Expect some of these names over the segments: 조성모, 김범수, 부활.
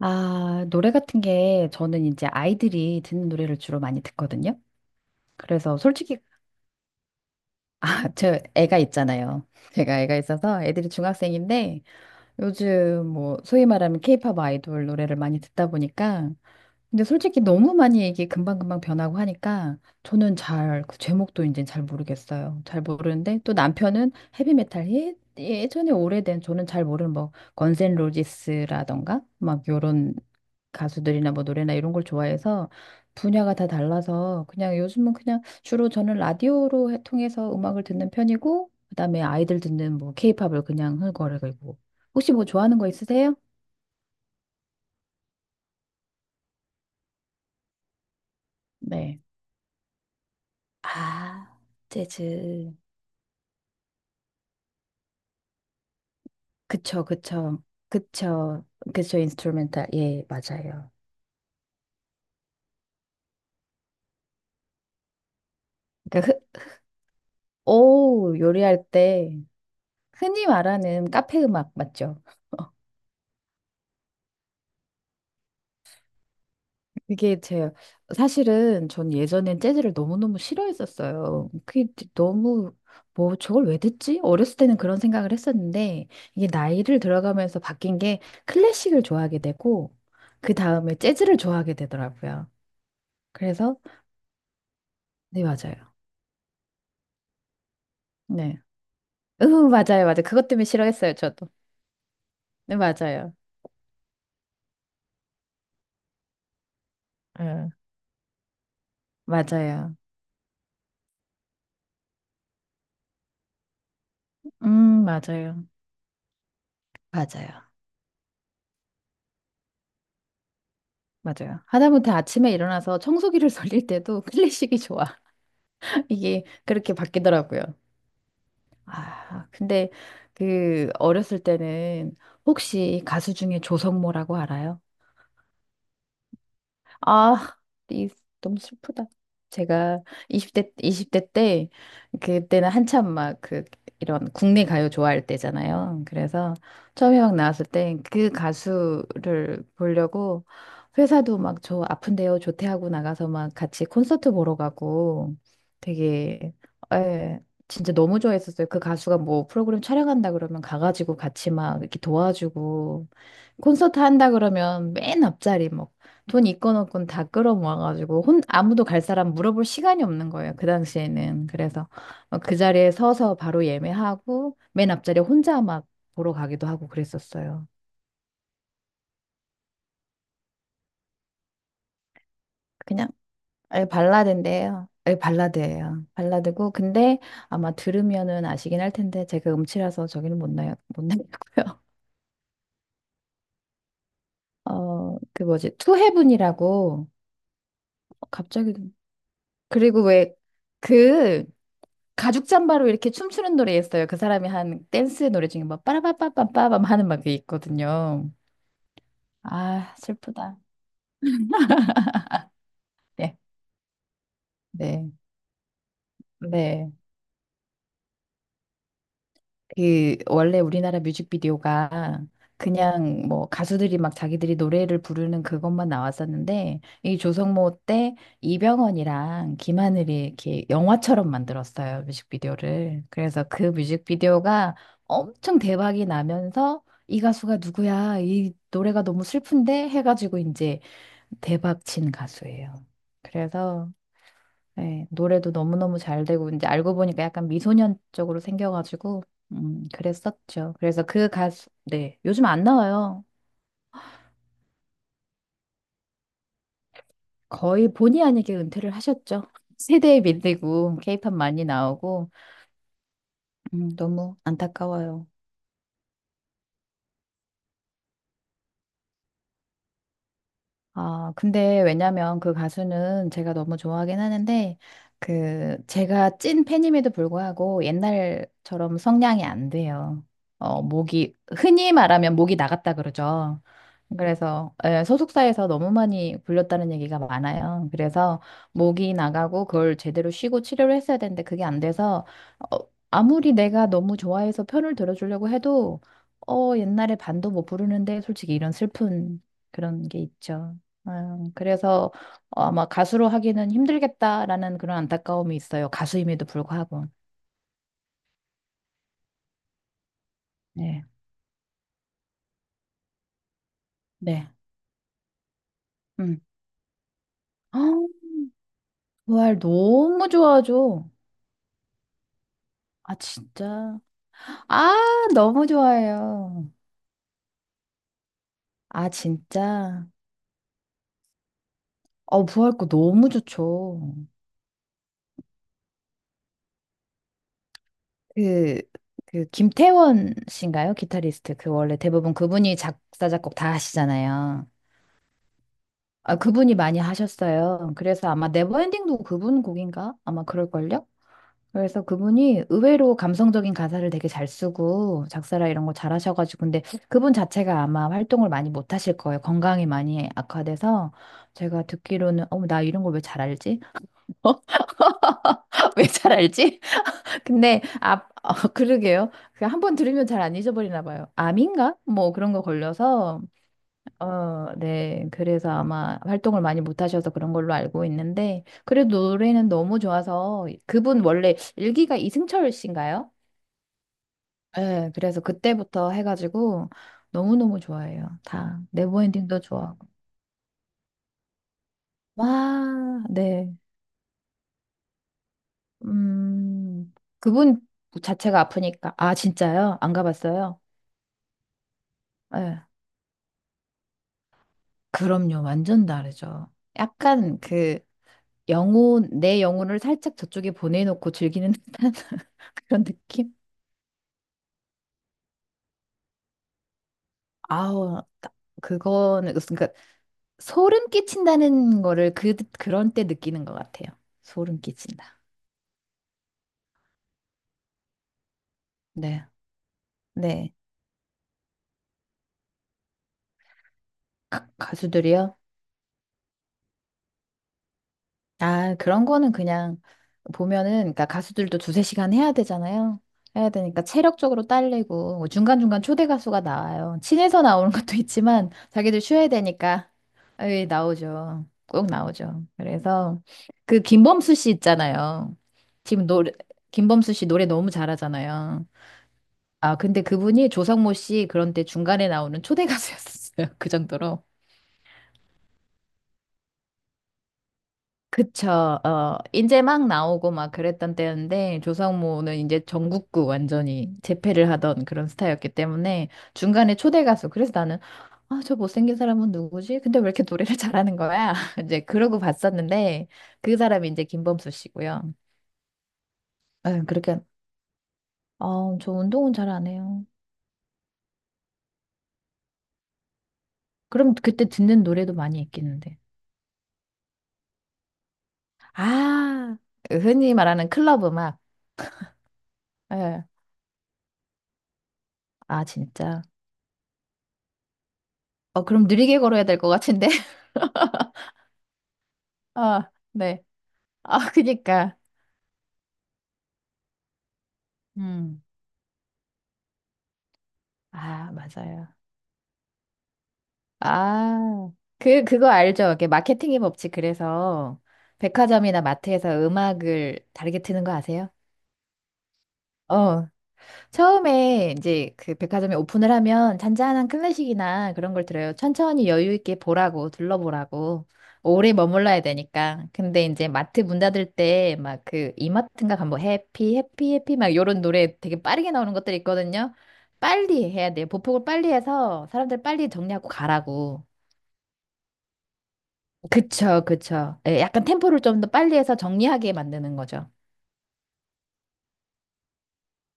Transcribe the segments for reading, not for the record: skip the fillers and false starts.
아, 노래 같은 게 저는 이제 아이들이 듣는 노래를 주로 많이 듣거든요. 그래서 솔직히, 아, 저 애가 있잖아요. 제가 애가 있어서 애들이 중학생인데 요즘 뭐 소위 말하면 케이팝 아이돌 노래를 많이 듣다 보니까 근데 솔직히 너무 많이 이게 금방금방 변하고 하니까 저는 잘, 그 제목도 이제 잘 모르겠어요. 잘 모르는데 또 남편은 헤비메탈 예, 예전에 오래된 저는 잘 모르는 뭐 건센 로지스라던가 막 요런 가수들이나 뭐 노래나 이런 걸 좋아해서 분야가 다 달라서 그냥 요즘은 그냥 주로 저는 라디오로 통해서 음악을 듣는 편이고 그다음에 아이들 듣는 뭐 케이팝을 그냥 흥얼거리고 혹시 뭐 좋아하는 거 있으세요? 네. 아, 재즈. 그쵸, 그쵸, 그쵸, 그쵸, 인스트루멘탈. 예, 맞아요. 그러니까 흔, 오, 요리할 때 흔히 말하는 카페 음악 맞죠? 그게 제 사실은 전 예전엔 재즈를 너무너무 싫어했었어요. 그게 너무 뭐 저걸 왜 듣지? 어렸을 때는 그런 생각을 했었는데 이게 나이를 들어가면서 바뀐 게 클래식을 좋아하게 되고 그 다음에 재즈를 좋아하게 되더라고요. 그래서 네, 맞아요. 네. 으, 맞아요, 맞아요. 그것 때문에 싫어했어요, 저도. 네, 맞아요. 예, 맞아요. 맞아요. 맞아요. 맞아요. 하다못해 아침에 일어나서 청소기를 돌릴 때도 클래식이 좋아. 이게 그렇게 바뀌더라고요. 아, 근데 그 어렸을 때는 혹시 가수 중에 조성모라고 알아요? 아, 이, 너무 슬프다. 제가 20대, 이십 대 때, 그때는 한참 막 그, 이런 국내 가요 좋아할 때잖아요. 그래서 처음에 막 나왔을 때 그 가수를 보려고 회사도 막 저 아픈데요, 조퇴하고 나가서 막 같이 콘서트 보러 가고 되게, 예, 진짜 너무 좋아했었어요. 그 가수가 뭐 프로그램 촬영한다 그러면 가가지고 같이 막 이렇게 도와주고 콘서트 한다 그러면 맨 앞자리 뭐 돈 있건 없건 다 끌어모아가지고 혼 아무도 갈 사람 물어볼 시간이 없는 거예요. 그 당시에는. 그래서 어, 그 자리에 서서 바로 예매하고 맨 앞자리에 혼자 막 보러 가기도 하고 그랬었어요. 그냥 아예 발라드인데요. 아예 발라드예요. 발라드고 근데 아마 들으면은 아시긴 할 텐데 제가 음치라서 저기는 못 나요. 못 나고요. 어, 그 뭐지? 투헤븐이라고 갑자기 그리고 왜그 가죽 잠바로 이렇게 춤추는 노래였어요. 그 사람이 한 댄스 노래 중에 막 빠라바빠빠빠밤 하는 막게 있거든요. 아, 슬프다. 네, 네, 네. 그 원래 우리나라 뮤직비디오가 그냥 뭐 가수들이 막 자기들이 노래를 부르는 그것만 나왔었는데 이 조성모 때 이병헌이랑 김하늘이 이렇게 영화처럼 만들었어요 뮤직비디오를. 그래서 그 뮤직비디오가 엄청 대박이 나면서 이 가수가 누구야? 이 노래가 너무 슬픈데 해가지고 이제 대박 친 가수예요. 그래서 네, 노래도 너무너무 잘 되고, 이제 알고 보니까 약간 미소년 쪽으로 생겨가지고, 그랬었죠. 그래서 그 가수, 네, 요즘 안 나와요. 거의 본의 아니게 은퇴를 하셨죠. 세대에 밀리고, 케이팝 많이 나오고, 너무 안타까워요. 아, 근데 왜냐면 그 가수는 제가 너무 좋아하긴 하는데, 그, 제가 찐 팬임에도 불구하고 옛날처럼 성량이 안 돼요. 어, 목이, 흔히 말하면 목이 나갔다 그러죠. 그래서 예, 소속사에서 너무 많이 불렸다는 얘기가 많아요. 그래서 목이 나가고 그걸 제대로 쉬고 치료를 했어야 되는데 그게 안 돼서 어, 아무리 내가 너무 좋아해서 편을 들어주려고 해도 어, 옛날에 반도 못 부르는데 솔직히 이런 슬픈 그런 게 있죠. 그래서 어, 아마 가수로 하기는 힘들겠다라는 그런 안타까움이 있어요. 가수임에도 불구하고. 네. 네. 음. 어, 부활 너무 좋아하죠. 아, 진짜. 아, 너무 좋아해요. 아, 진짜. 어, 부활 거 너무 좋죠. 그, 그, 김태원 씨인가요? 기타리스트. 그 원래 대부분 그분이 작사, 작곡 다 하시잖아요. 아, 그분이 많이 하셨어요. 그래서 아마 네버엔딩도 그분 곡인가? 아마 그럴걸요? 그래서 그분이 의외로 감성적인 가사를 되게 잘 쓰고 작사라 이런 거 잘하셔가지고 근데 그분 자체가 아마 활동을 많이 못 하실 거예요. 건강이 많이 악화돼서 제가 듣기로는 어머 나 이런 걸 왜 잘 알지? 왜 잘 알지? 근데 아 어, 그러게요. 그 한 번 들으면 잘 안 잊어버리나 봐요. 암인가? 뭐 그런 거 걸려서 어, 네. 그래서 아마 활동을 많이 못 하셔서 그런 걸로 알고 있는데 그래도 노래는 너무 좋아서 그분 원래 일기가 이승철 씨인가요? 네, 그래서 그때부터 해가지고 너무너무 좋아해요. 다 네버엔딩도 좋아하고. 와, 네. 음, 그분 자체가 아프니까. 아, 진짜요? 안 가봤어요? 네. 그럼요. 완전 다르죠. 약간 그 영혼, 내 영혼을 살짝 저쪽에 보내놓고 즐기는 듯한 그런 느낌? 아우, 딱 그거는, 그러니까 소름 끼친다는 거를 그, 그런 때 느끼는 것 같아요. 소름 끼친다. 네. 네. 가수들이요? 아, 그런 거는 그냥 보면은, 그러니까 가수들도 두세 시간 해야 되잖아요. 해야 되니까 체력적으로 딸리고, 뭐 중간중간 초대 가수가 나와요. 친해서 나오는 것도 있지만, 자기들 쉬어야 되니까, 에 나오죠. 꼭 나오죠. 그래서, 그 김범수 씨 있잖아요. 지금 노래, 김범수 씨 노래 너무 잘하잖아요. 아, 근데 그분이 조성모 씨 그런데 중간에 나오는 초대 가수였어요. 그 정도로. 그쵸. 어, 이제 막 나오고 막 그랬던 때였는데, 조성모는 이제 전국구 완전히 재패를 하던 그런 스타였기 때문에, 중간에 초대 가수. 그래서 나는, 아, 저 못생긴 사람은 누구지? 근데 왜 이렇게 노래를 잘하는 거야? 이제 그러고 봤었는데, 그 사람이 이제 김범수 씨고요. 에, 그렇게, 어, 저 운동은 잘 안 해요. 그럼 그때 듣는 노래도 많이 있겠는데. 아, 그 흔히 말하는 클럽 음악. 예. 아, 진짜. 어, 그럼 느리게 걸어야 될 것 같은데. 아, 네. 아, 그니까. 음. 아, 맞아요. 아, 그거 알죠? 이게 마케팅의 법칙. 그래서 백화점이나 마트에서 음악을 다르게 트는 거 아세요? 어, 처음에 이제 그 백화점에 오픈을 하면 잔잔한 클래식이나 그런 걸 들어요. 천천히 여유 있게 보라고, 둘러보라고. 오래 머물러야 되니까. 근데 이제 마트 문 닫을 때 막 그 이마트인가 가면 뭐 해피, 해피, 해피 막 요런 노래 되게 빠르게 나오는 것들이 있거든요. 빨리 해야 돼요. 보폭을 빨리 해서 사람들 빨리 정리하고 가라고. 그쵸, 그쵸. 예, 약간 템포를 좀 더 빨리 해서 정리하게 만드는 거죠.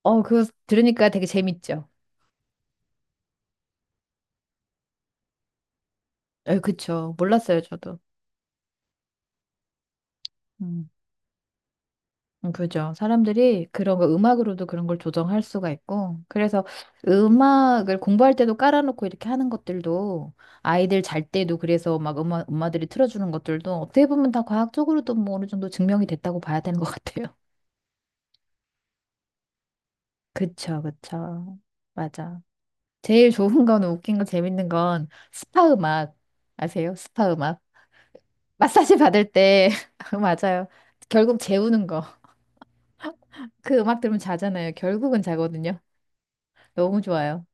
어, 그거 들으니까 되게 재밌죠. 예, 그쵸. 몰랐어요, 저도. 그죠. 사람들이 그런 거 음악으로도 그런 걸 조정할 수가 있고, 그래서 음악을 공부할 때도 깔아놓고 이렇게 하는 것들도 아이들 잘 때도 그래서 막 엄마들이 틀어주는 것들도 어떻게 보면 다 과학적으로도 뭐 어느 정도 증명이 됐다고 봐야 되는 것 같아요. 그쵸, 그쵸. 맞아. 제일 좋은 건 웃긴 건 재밌는 건 스파 음악 아세요? 스파 음악. 마사지 받을 때 맞아요. 결국 재우는 거. 그 음악 들으면 자잖아요. 결국은 자거든요. 너무 좋아요.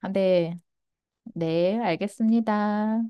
아, 네. 네, 알겠습니다.